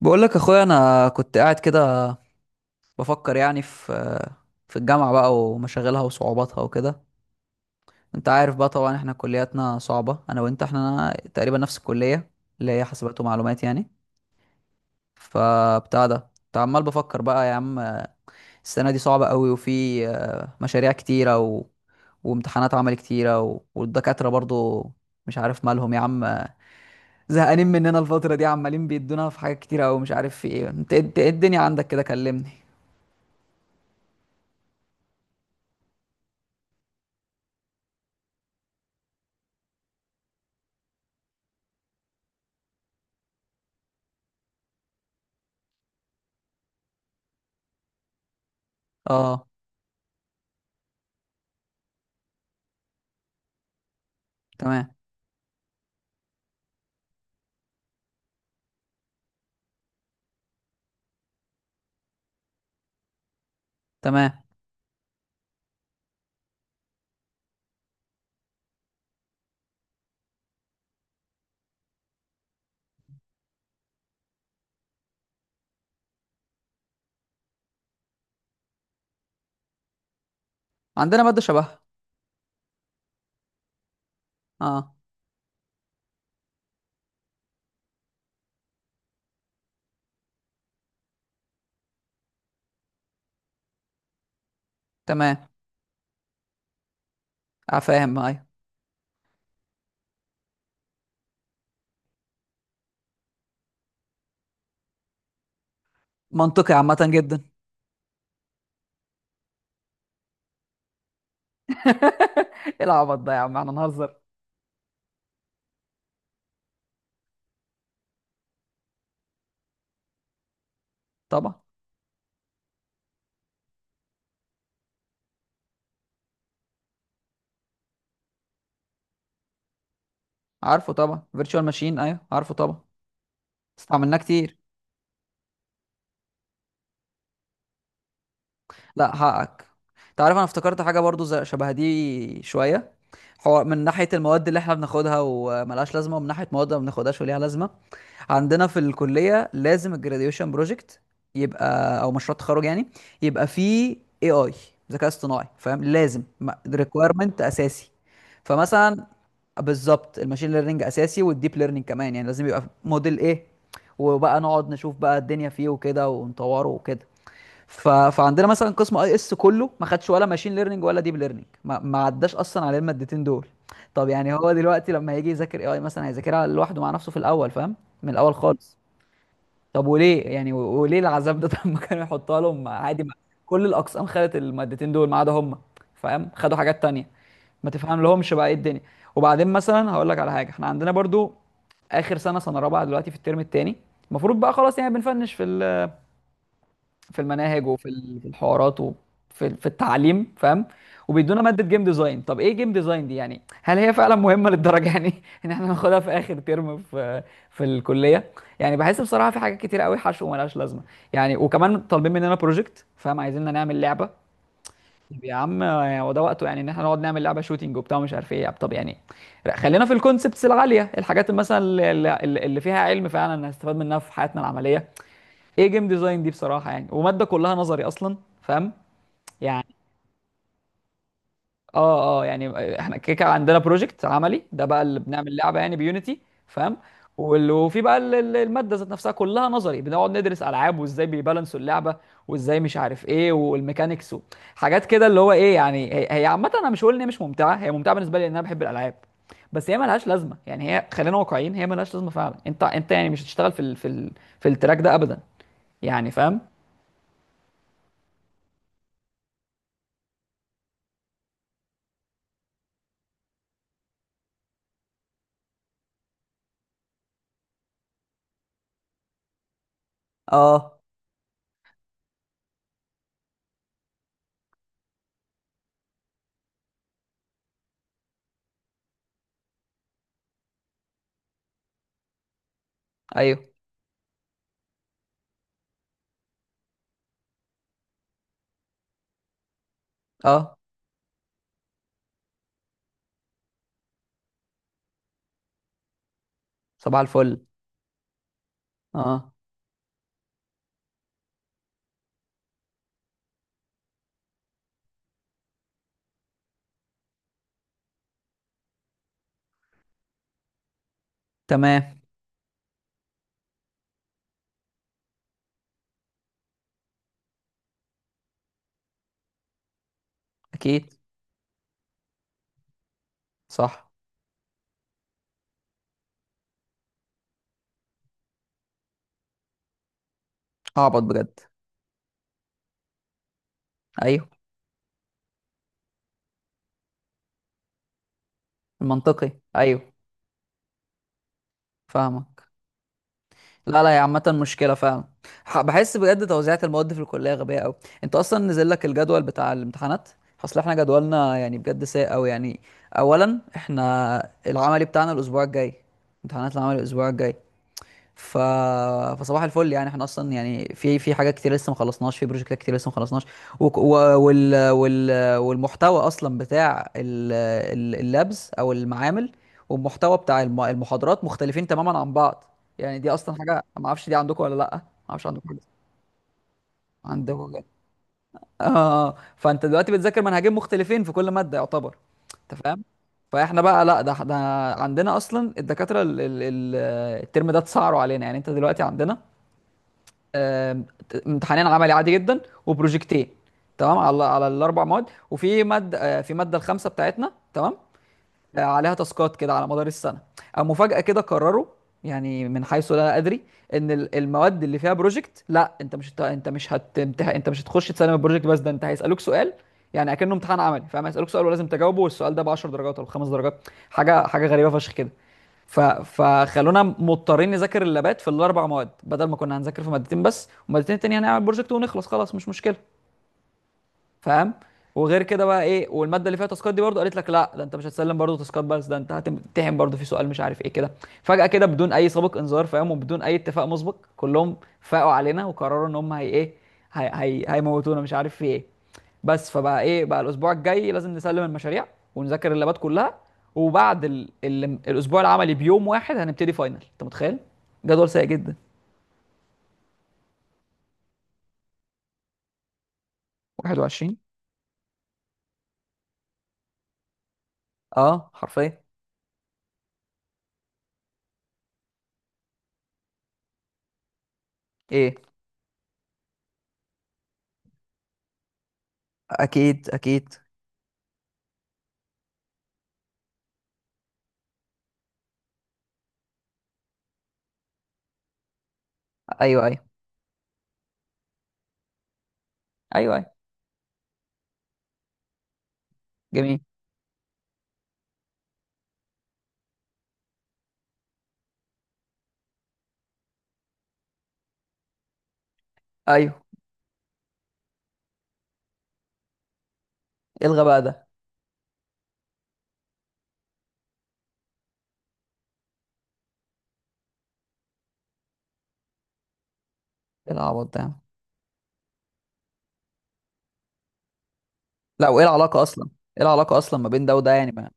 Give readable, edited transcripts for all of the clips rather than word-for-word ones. بقول لك اخويا، انا كنت قاعد كده بفكر يعني في الجامعه بقى ومشاغلها وصعوباتها وكده. انت عارف بقى طبعا احنا كلياتنا صعبه، انا وانت احنا تقريبا نفس الكليه اللي هي حاسبات ومعلومات يعني. فبتاع ده كنت عمال بفكر بقى يا عم، السنه دي صعبه قوي وفي مشاريع كتيره وامتحانات عمل كتيره والدكاتره برضو مش عارف مالهم يا عم، زهقانين مننا الفتره دي، عمالين بيدونا في حاجات كتيره قوي، مش عارف في ايه. انت إيه الدنيا عندك كده؟ كلمني. اه، تمام. تمام، عندنا مادة شبهها. اه. تمام فاهم. ايوه. منطقي، عامة جدا. ايه العبط ده يا عم؟ احنا نهزر؟ طبعا عارفه، طبعا فيرتشوال ماشين، ايوه عارفه طبعا. استعملناه كتير. لا حقك. انت عارف انا افتكرت حاجة برضو زي شبه دي شوية، حوار من ناحية المواد اللي احنا بناخدها وملهاش لازمة، ومن ناحية مواد ما بناخدهاش وليها لازمة. عندنا في الكلية لازم الجراديويشن بروجكت، يبقى او مشروع تخرج يعني، يبقى فيه اي اي، ذكاء اصطناعي فاهم، لازم، ريكويرمنت اساسي. فمثلا بالظبط الماشين ليرنينج اساسي، والديب ليرنينج كمان يعني لازم يبقى موديل ايه، وبقى نقعد نشوف بقى الدنيا فيه وكده ونطوره وكده. ف... فعندنا مثلا قسم اي اس كله ما خدش ولا ماشين ليرنينج ولا ديب ليرنينج، ما عداش اصلا على المادتين دول. طب يعني هو دلوقتي لما هيجي يذاكر اي اي مثلا هيذاكرها لوحده مع نفسه في الاول فاهم، من الاول خالص. طب وليه يعني و- وليه العذاب ده؟ طب ما كانوا يحطها لهم عادي ما... كل الاقسام خدت المادتين دول ما عدا هم، فاهم؟ خدوا حاجات تانية. ما تفهم لهمش بقى ايه الدنيا. وبعدين مثلا هقول لك على حاجه، احنا عندنا برضو اخر سنه، سنه رابعه دلوقتي في الترم الثاني، المفروض بقى خلاص يعني بنفنش في في المناهج وفي في الحوارات وفي في التعليم فاهم، وبيدونا ماده جيم ديزاين. طب ايه جيم ديزاين دي يعني؟ هل هي فعلا مهمه للدرجه يعني ان احنا ناخدها في اخر ترم في في الكليه؟ يعني بحس بصراحه في حاجات كتير قوي حشو وملهاش لازمه يعني، وكمان طالبين مننا بروجكت فاهم، عايزيننا نعمل لعبه. طب يا عم يعني هو ده وقته يعني ان احنا نقعد نعمل لعبه شوتينج وبتاع ومش عارف ايه يعني؟ طب يعني لا، خلينا في الكونسبتس العاليه، الحاجات مثلا مثلا اللي فيها علم فعلا هنستفاد منها في حياتنا العمليه. ايه جيم ديزاين دي بصراحه يعني؟ وماده كلها نظري اصلا فاهم. يعني اه، اه يعني احنا كيكه، عندنا بروجكت عملي ده بقى اللي بنعمل لعبه يعني بيونيتي فاهم. وال- وفي بقى الماده ذات نفسها كلها نظري، بنقعد ندرس العاب وازاي بيبالانسوا اللعبه وازاي مش عارف ايه والميكانيكس حاجات كده اللي هو ايه يعني. هي عامه انا مش هقول ان هي مش ممتعه، هي ممتعه بالنسبه لي لان انا بحب الالعاب، بس هي ملهاش لازمه يعني. هي خلينا واقعيين، هي ملهاش لازمه فعلا. انت يعني مش هتشتغل في ال في التراك ده ابدا يعني فاهم. اه، ايوه، اه، صباح الفل، اه، تمام، اكيد، صح، اعبط بجد، ايوه، المنطقي ايوه، فاهمك. لا لا، هي عامة مشكلة فعلا. بحس بجد توزيعة المواد في الكلية غبية قوي. انت اصلا نزل لك الجدول بتاع الامتحانات؟ اصل احنا جدولنا يعني بجد سيء قوي يعني. اولا احنا العملي بتاعنا الاسبوع الجاي، امتحانات العمل الاسبوع الجاي. ف... فصباح الفل يعني، احنا اصلا يعني في في حاجات كتير لسه ما خلصناش، في بروجكتات كتير لسه ما خلصناش، وك- و... وال... وال... والمحتوى اصلا بتاع اللابز او المعامل، والمحتوى بتاع المحاضرات مختلفين تماما عن بعض. يعني دي اصلا حاجه ما اعرفش دي عندكم ولا لا، ما اعرفش عندكم ولا لأ. عندكم كده. اه، فانت دلوقتي بتذاكر منهجين مختلفين في كل ماده يعتبر، انت فاهم. فاحنا بقى لا، ده عندنا اصلا الدكاتره الترم ده اتسعروا علينا. يعني انت دلوقتي عندنا آم، امتحانين عملي عادي جدا، وبروجكتين تمام، على على الاربع مواد. وفي ماده في ماده الخامسه بتاعتنا تمام، عليها تاسكات كده على مدار السنه، او مفاجاه كده قرروا يعني من حيث لا ادري ان المواد اللي فيها بروجكت لا انت مش هت- انت مش هتمتح... انت مش هتخش تسلم البروجكت بس، ده انت هيسالوك سؤال. يعني اكنه امتحان عملي فاهم، هيسالوك سؤال ولازم تجاوبه، والسؤال ده ب 10 درجات او 5 درجات، حاجه غريبه فشخ كده. فخلونا مضطرين نذاكر اللابات في الاربع مواد بدل ما كنا هنذاكر في مادتين بس ومادتين التانية هنعمل بروجكت ونخلص خلاص مش مشكله فاهم. وغير كده بقى ايه، والماده اللي فيها تاسكات دي برضو قالت لك لا، ده انت مش هتسلم برضو تاسكات بس، ده انت هتمتحن برضو في سؤال مش عارف ايه كده، فجاه كده بدون اي سابق انذار فاهم، وبدون اي اتفاق مسبق كلهم فاقوا علينا وقرروا ان هم هي ايه، هي هيموتونا مش عارف في ايه بس. فبقى ايه بقى الاسبوع الجاي لازم نسلم المشاريع ونذاكر اللابات كلها، وبعد الاسبوع العملي بيوم واحد هنبتدي فاينل. انت متخيل؟ جدول سيء جدا. 21؟ اه حرفيا. ايه؟ اكيد اكيد. ايوه ايوه ايوه. جميل. ايوه. الغى بقى ده. ايه العبط ده يا عم؟ لا، وايه العلاقه اصلا؟ ايه العلاقه اصلا ما بين ده وده يعني؟ ما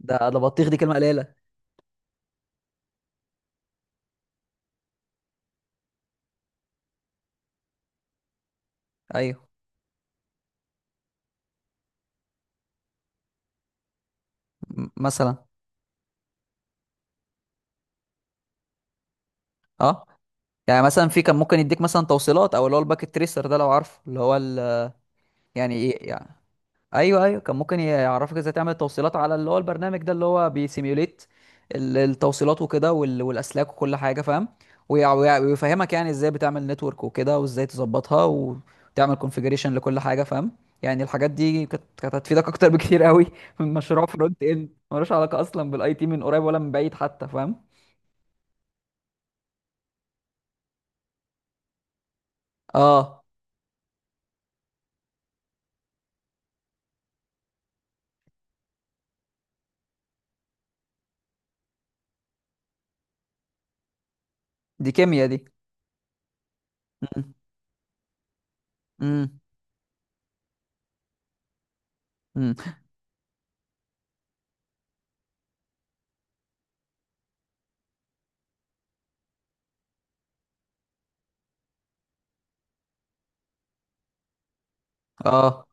ده بطيخ، دي كلمه قليله. ايوه. مثلا اه. يعني مثلا في كان ممكن يديك مثلا توصيلات، او اللي هو الباكت تريسر ده لو عارفه، اللي هو يعني ايه يعني. ايوه ايوه، كان ممكن يعرفك ازاي تعمل توصيلات على اللي هو البرنامج ده اللي هو بيسيميوليت التوصيلات وكده وال- والاسلاك وكل حاجه فاهم. ويع- ويع- ويفهمك يعني ازاي بتعمل نتورك وكده وازاي تظبطها وتعمل كونفيجريشن لكل حاجه فاهم. يعني الحاجات دي كانت هتفيدك اكتر بكتير قوي من مشروع فرونت اند ملوش علاقه اصلا بالاي تي من قريب ولا من بعيد حتى، فاهم. اه، دي كيمياء دي. امم، امم، اه،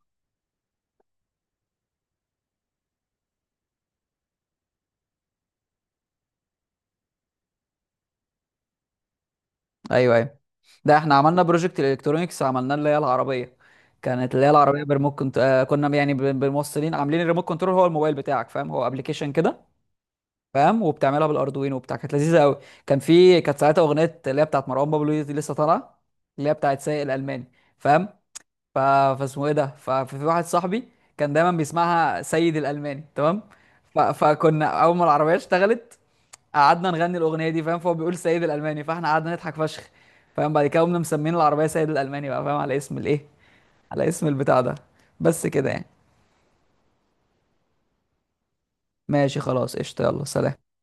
ايوه ايوه. ده احنا عملنا بروجكت الكترونيكس عملناه، اللي هي العربيه. كانت اللي هي العربيه بريموت، آه كنا يعني بالموصلين عاملين الريموت كنترول هو الموبايل بتاعك فاهم، هو ابلكيشن كده فاهم، وبتعملها بالاردوينو وبتاع. كانت لذيذه قوي. كان في، كانت ساعتها اغنيه اللي هي بتاعت مروان بابلو دي لسه طالعه، اللي هي بتاعت سايق الالماني فاهم. ف... فاسمه ايه ده، ففي واحد صاحبي كان دايما بيسمعها سيد الالماني تمام. فكنا اول ما العربيه اشتغلت قعدنا نغني الاغنيه دي فاهم، فهو بيقول سيد الالماني فاحنا قعدنا نضحك فشخ فاهم. بعد كده قمنا مسمين العربيه سيد الالماني بقى فاهم، على اسم الايه، على اسم البتاع ده. بس كده يعني. ماشي خلاص قشطه، يلا سلام.